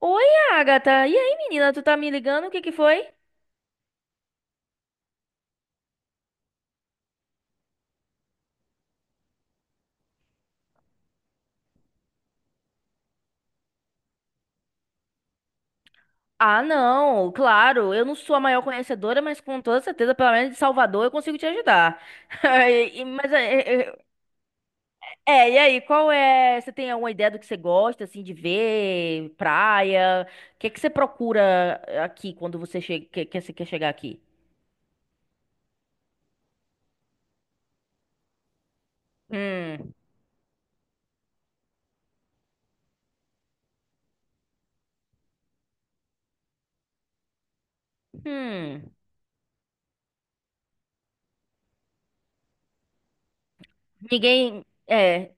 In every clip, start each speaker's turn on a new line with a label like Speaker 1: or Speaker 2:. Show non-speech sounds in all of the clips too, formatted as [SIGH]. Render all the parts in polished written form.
Speaker 1: Oi, Agatha. E aí, menina, tu tá me ligando? O que que foi? Ah, não, claro, eu não sou a maior conhecedora, mas com toda certeza, pelo menos de Salvador, eu consigo te ajudar. [LAUGHS] Mas é, e aí, qual é? Você tem alguma ideia do que você gosta, assim, de ver? Praia? O que que você procura aqui quando você chega, que você quer chegar aqui? Hum, hum. Ninguém. É.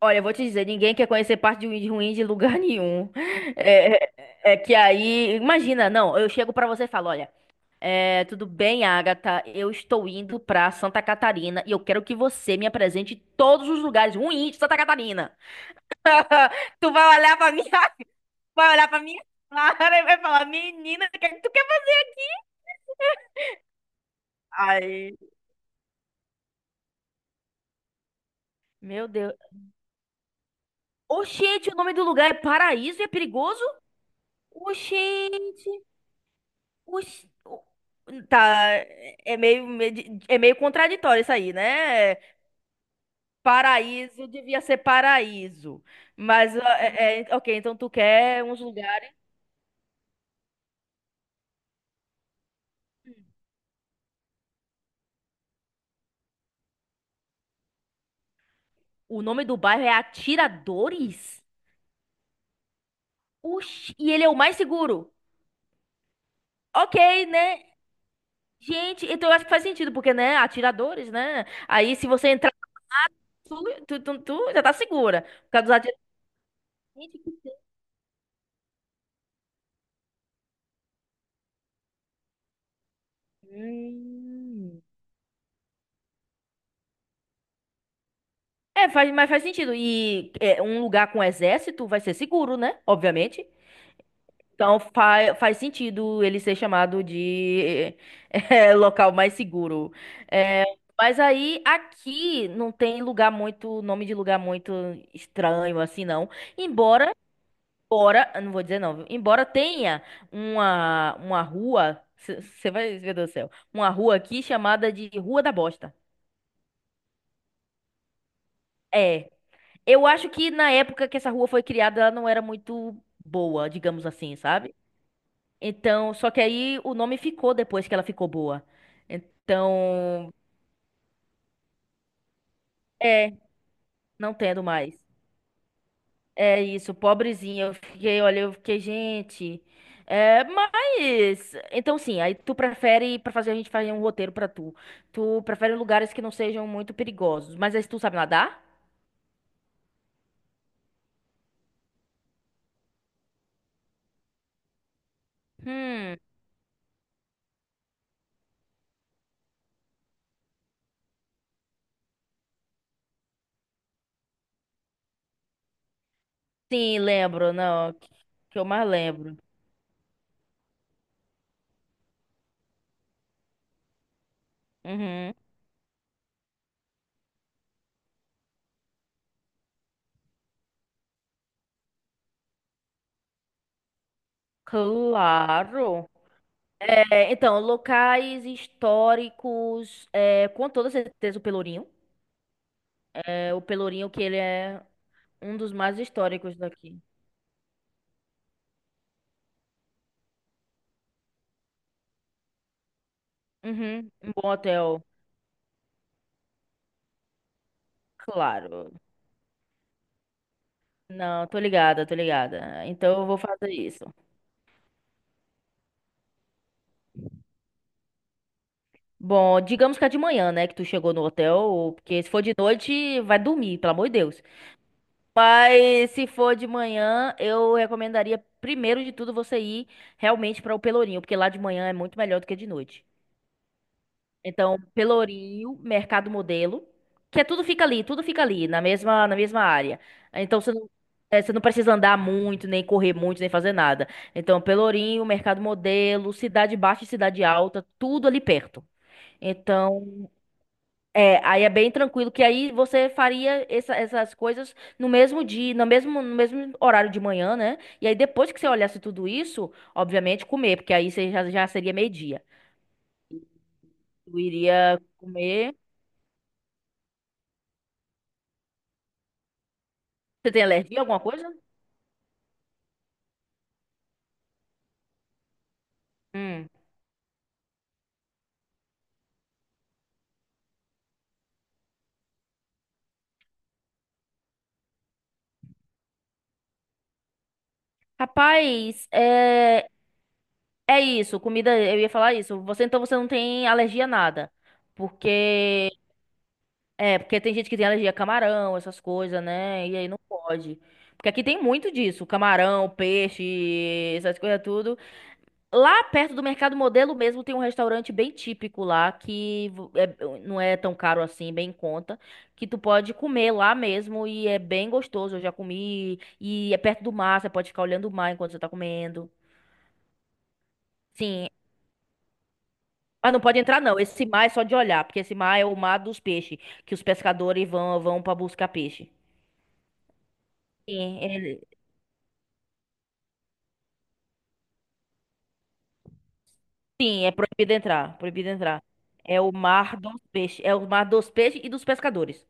Speaker 1: Olha, eu vou te dizer, ninguém quer conhecer parte de ruim ruim de lugar nenhum. [LAUGHS] É, é que aí, imagina, não, eu chego pra você e falo, olha, tudo bem, Agatha, eu estou indo pra Santa Catarina e eu quero que você me apresente todos os lugares ruins de Santa Catarina. Tu vai olhar pra minha, [LAUGHS] vai olhar pra minha cara e vai falar, menina, o que é que tu quer fazer? Ai, meu Deus. Oxente, o nome do lugar é Paraíso e é perigoso? Oxente. Oxi, Tá, é meio contraditório isso aí, né? Paraíso devia ser paraíso. Mas, ó, ok, então tu quer uns lugares. O nome do bairro é Atiradores? Oxi, e ele é o mais seguro. Ok, né? Gente, então eu acho que faz sentido, porque, né? Atiradores, né? Aí se você entrar, tu, tu já tá segura. Por causa dos atiradores. Gente. Hum. É, faz, mas faz sentido. E um lugar com exército vai ser seguro, né? Obviamente. Então fa faz sentido ele ser chamado de [LAUGHS] local mais seguro. É, mas aí aqui não tem nome de lugar muito estranho assim, não. Embora, embora, eu não vou dizer não, viu? Embora tenha uma rua, você vai ver do céu, uma rua aqui chamada de Rua da Bosta. É. Eu acho que na época que essa rua foi criada, ela não era muito boa, digamos assim, sabe? Então, só que aí o nome ficou depois que ela ficou boa. Então, é, não tendo mais. É isso, pobrezinha. Eu fiquei, olha, eu fiquei, gente. É, mas. Então, sim, aí tu prefere, pra fazer a gente fazer um roteiro pra tu. Tu prefere lugares que não sejam muito perigosos. Mas aí tu sabe nadar? Hum, sim, lembro, não. Que eu mais lembro. Uhum. Claro. É, então, locais históricos, com toda certeza o Pelourinho. É, o Pelourinho que ele é um dos mais históricos daqui. Uhum, um bom hotel, claro. Não, tô ligada, tô ligada. Então eu vou fazer isso. Bom, digamos que é de manhã, né, que tu chegou no hotel, porque se for de noite, vai dormir, pelo amor de Deus. Mas se for de manhã, eu recomendaria primeiro de tudo você ir realmente para o Pelourinho, porque lá de manhã é muito melhor do que de noite. Então, Pelourinho, Mercado Modelo, que é tudo fica ali, na mesma área. Então, você não precisa andar muito, nem correr muito, nem fazer nada. Então, Pelourinho, Mercado Modelo, Cidade Baixa e Cidade Alta, tudo ali perto. Então, aí é bem tranquilo, que aí você faria essas coisas no mesmo dia, no mesmo horário de manhã, né? E aí depois que você olhasse tudo isso, obviamente comer, porque aí você já seria meio-dia. Eu iria comer. Você tem alergia a alguma coisa? Hum. Rapaz, é isso, comida, eu ia falar isso. Você então você não tem alergia a nada. Porque porque tem gente que tem alergia a camarão, essas coisas, né? E aí não pode. Porque aqui tem muito disso, camarão, peixe, essas coisas tudo. Lá perto do Mercado Modelo mesmo tem um restaurante bem típico lá que não é tão caro assim, bem em conta, que tu pode comer lá mesmo e é bem gostoso. Eu já comi e é perto do mar, você pode ficar olhando o mar enquanto você tá comendo. Sim. Mas não pode entrar, não. Esse mar é só de olhar, porque esse mar é o mar dos peixes, que os pescadores vão para buscar peixe. Sim, sim, é proibido entrar, proibido entrar. É o mar dos peixes, é o mar dos peixes e dos pescadores.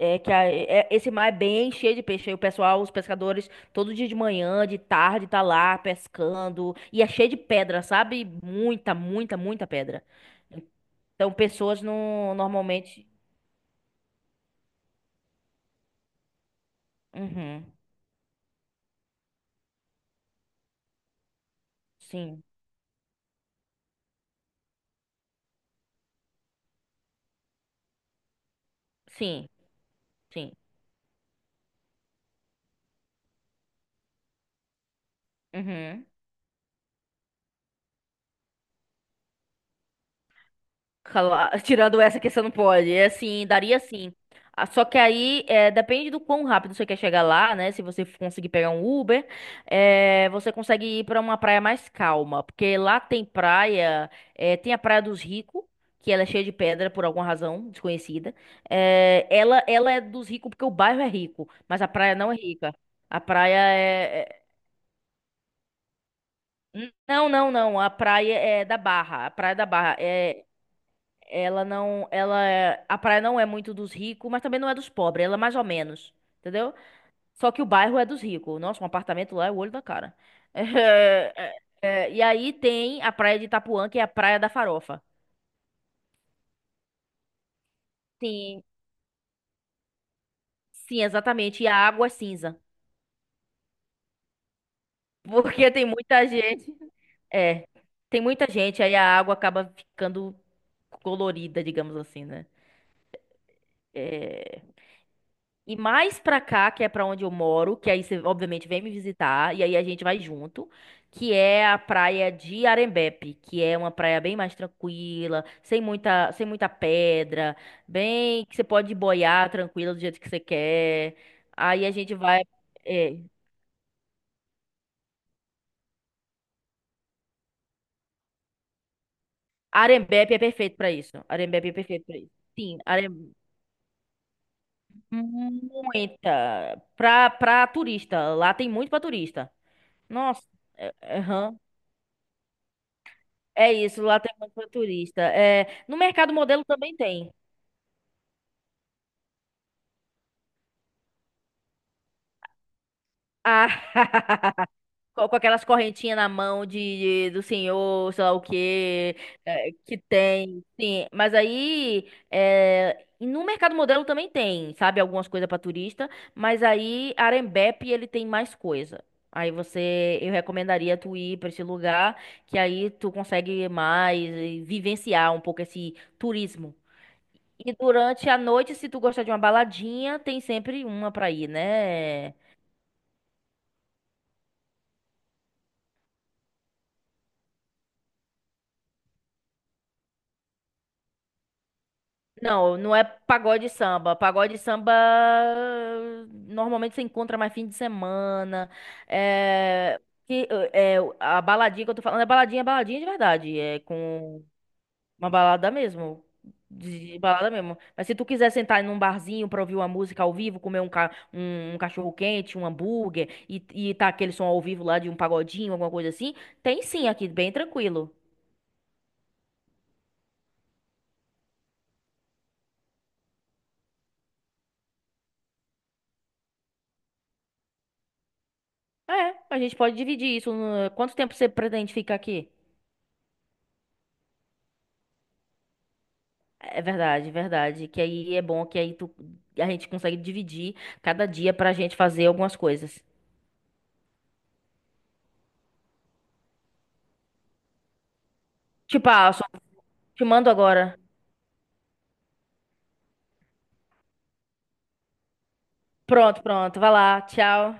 Speaker 1: É que esse mar é bem cheio de peixe. Aí o pessoal, os pescadores, todo dia de manhã, de tarde, tá lá pescando. E é cheio de pedra, sabe? Muita, muita, muita pedra. Então, pessoas não, normalmente. Uhum, sim, sim, sim. Uhum. [LAUGHS] Tirando essa que você não pode. É assim, daria sim. Ah, só que aí depende do quão rápido você quer chegar lá, né? Se você conseguir pegar um Uber, você consegue ir para uma praia mais calma. Porque lá tem praia, tem a Praia dos Ricos, que ela é cheia de pedra por alguma razão desconhecida. É, ela é dos ricos porque o bairro é rico, mas a praia não é rica. A praia. Não, não, não. A praia é da Barra. A praia da Barra. Ela não, a praia não é muito dos ricos, mas também não é dos pobres, ela é mais ou menos, entendeu? Só que o bairro é dos ricos. Nossa, um apartamento lá é o olho da cara. [LAUGHS] É, e aí tem a praia de Itapuã, que é a praia da farofa. Sim, sim, exatamente. E a água é cinza, [LAUGHS] porque tem muita gente. É, tem muita gente, aí a água acaba ficando colorida, digamos assim, né? É, E mais pra cá, que é pra onde eu moro, que aí você obviamente vem me visitar, e aí a gente vai junto, que é a praia de Arembepe, que é uma praia bem mais tranquila, sem muita pedra, bem que você pode boiar tranquila do jeito que você quer. Aí a gente vai. É, Arembepe é perfeito pra isso. Arembepe é perfeito pra isso. Sim, Arembepe. Muita. Pra turista. Lá tem muito pra turista. Nossa. Aham. É isso, lá tem muito pra turista. É, no Mercado Modelo também tem. Ah, [LAUGHS] com aquelas correntinhas na mão do senhor, sei lá o quê, que tem, sim. Mas aí, e no Mercado Modelo também tem, sabe, algumas coisas para turista, mas aí Arembepe ele tem mais coisa. Eu recomendaria tu ir para esse lugar, que aí tu consegue mais vivenciar um pouco esse turismo. E durante a noite, se tu gostar de uma baladinha, tem sempre uma pra ir, né? Não, não é pagode e samba. Pagode e samba normalmente você encontra mais fim de semana. É que a baladinha que eu tô falando é baladinha, baladinha de verdade. É com Uma balada mesmo. De balada mesmo. Mas se tu quiser sentar num barzinho pra ouvir uma música ao vivo, comer um cachorro quente, um hambúrguer e tá aquele som ao vivo lá de um pagodinho, alguma coisa assim, tem sim aqui, bem tranquilo. É, a gente pode dividir isso. Quanto tempo você pretende ficar aqui? É verdade, verdade. Que aí é bom que a gente consegue dividir cada dia pra gente fazer algumas coisas. Te passo, te mando agora. Pronto, pronto. Vai lá, tchau.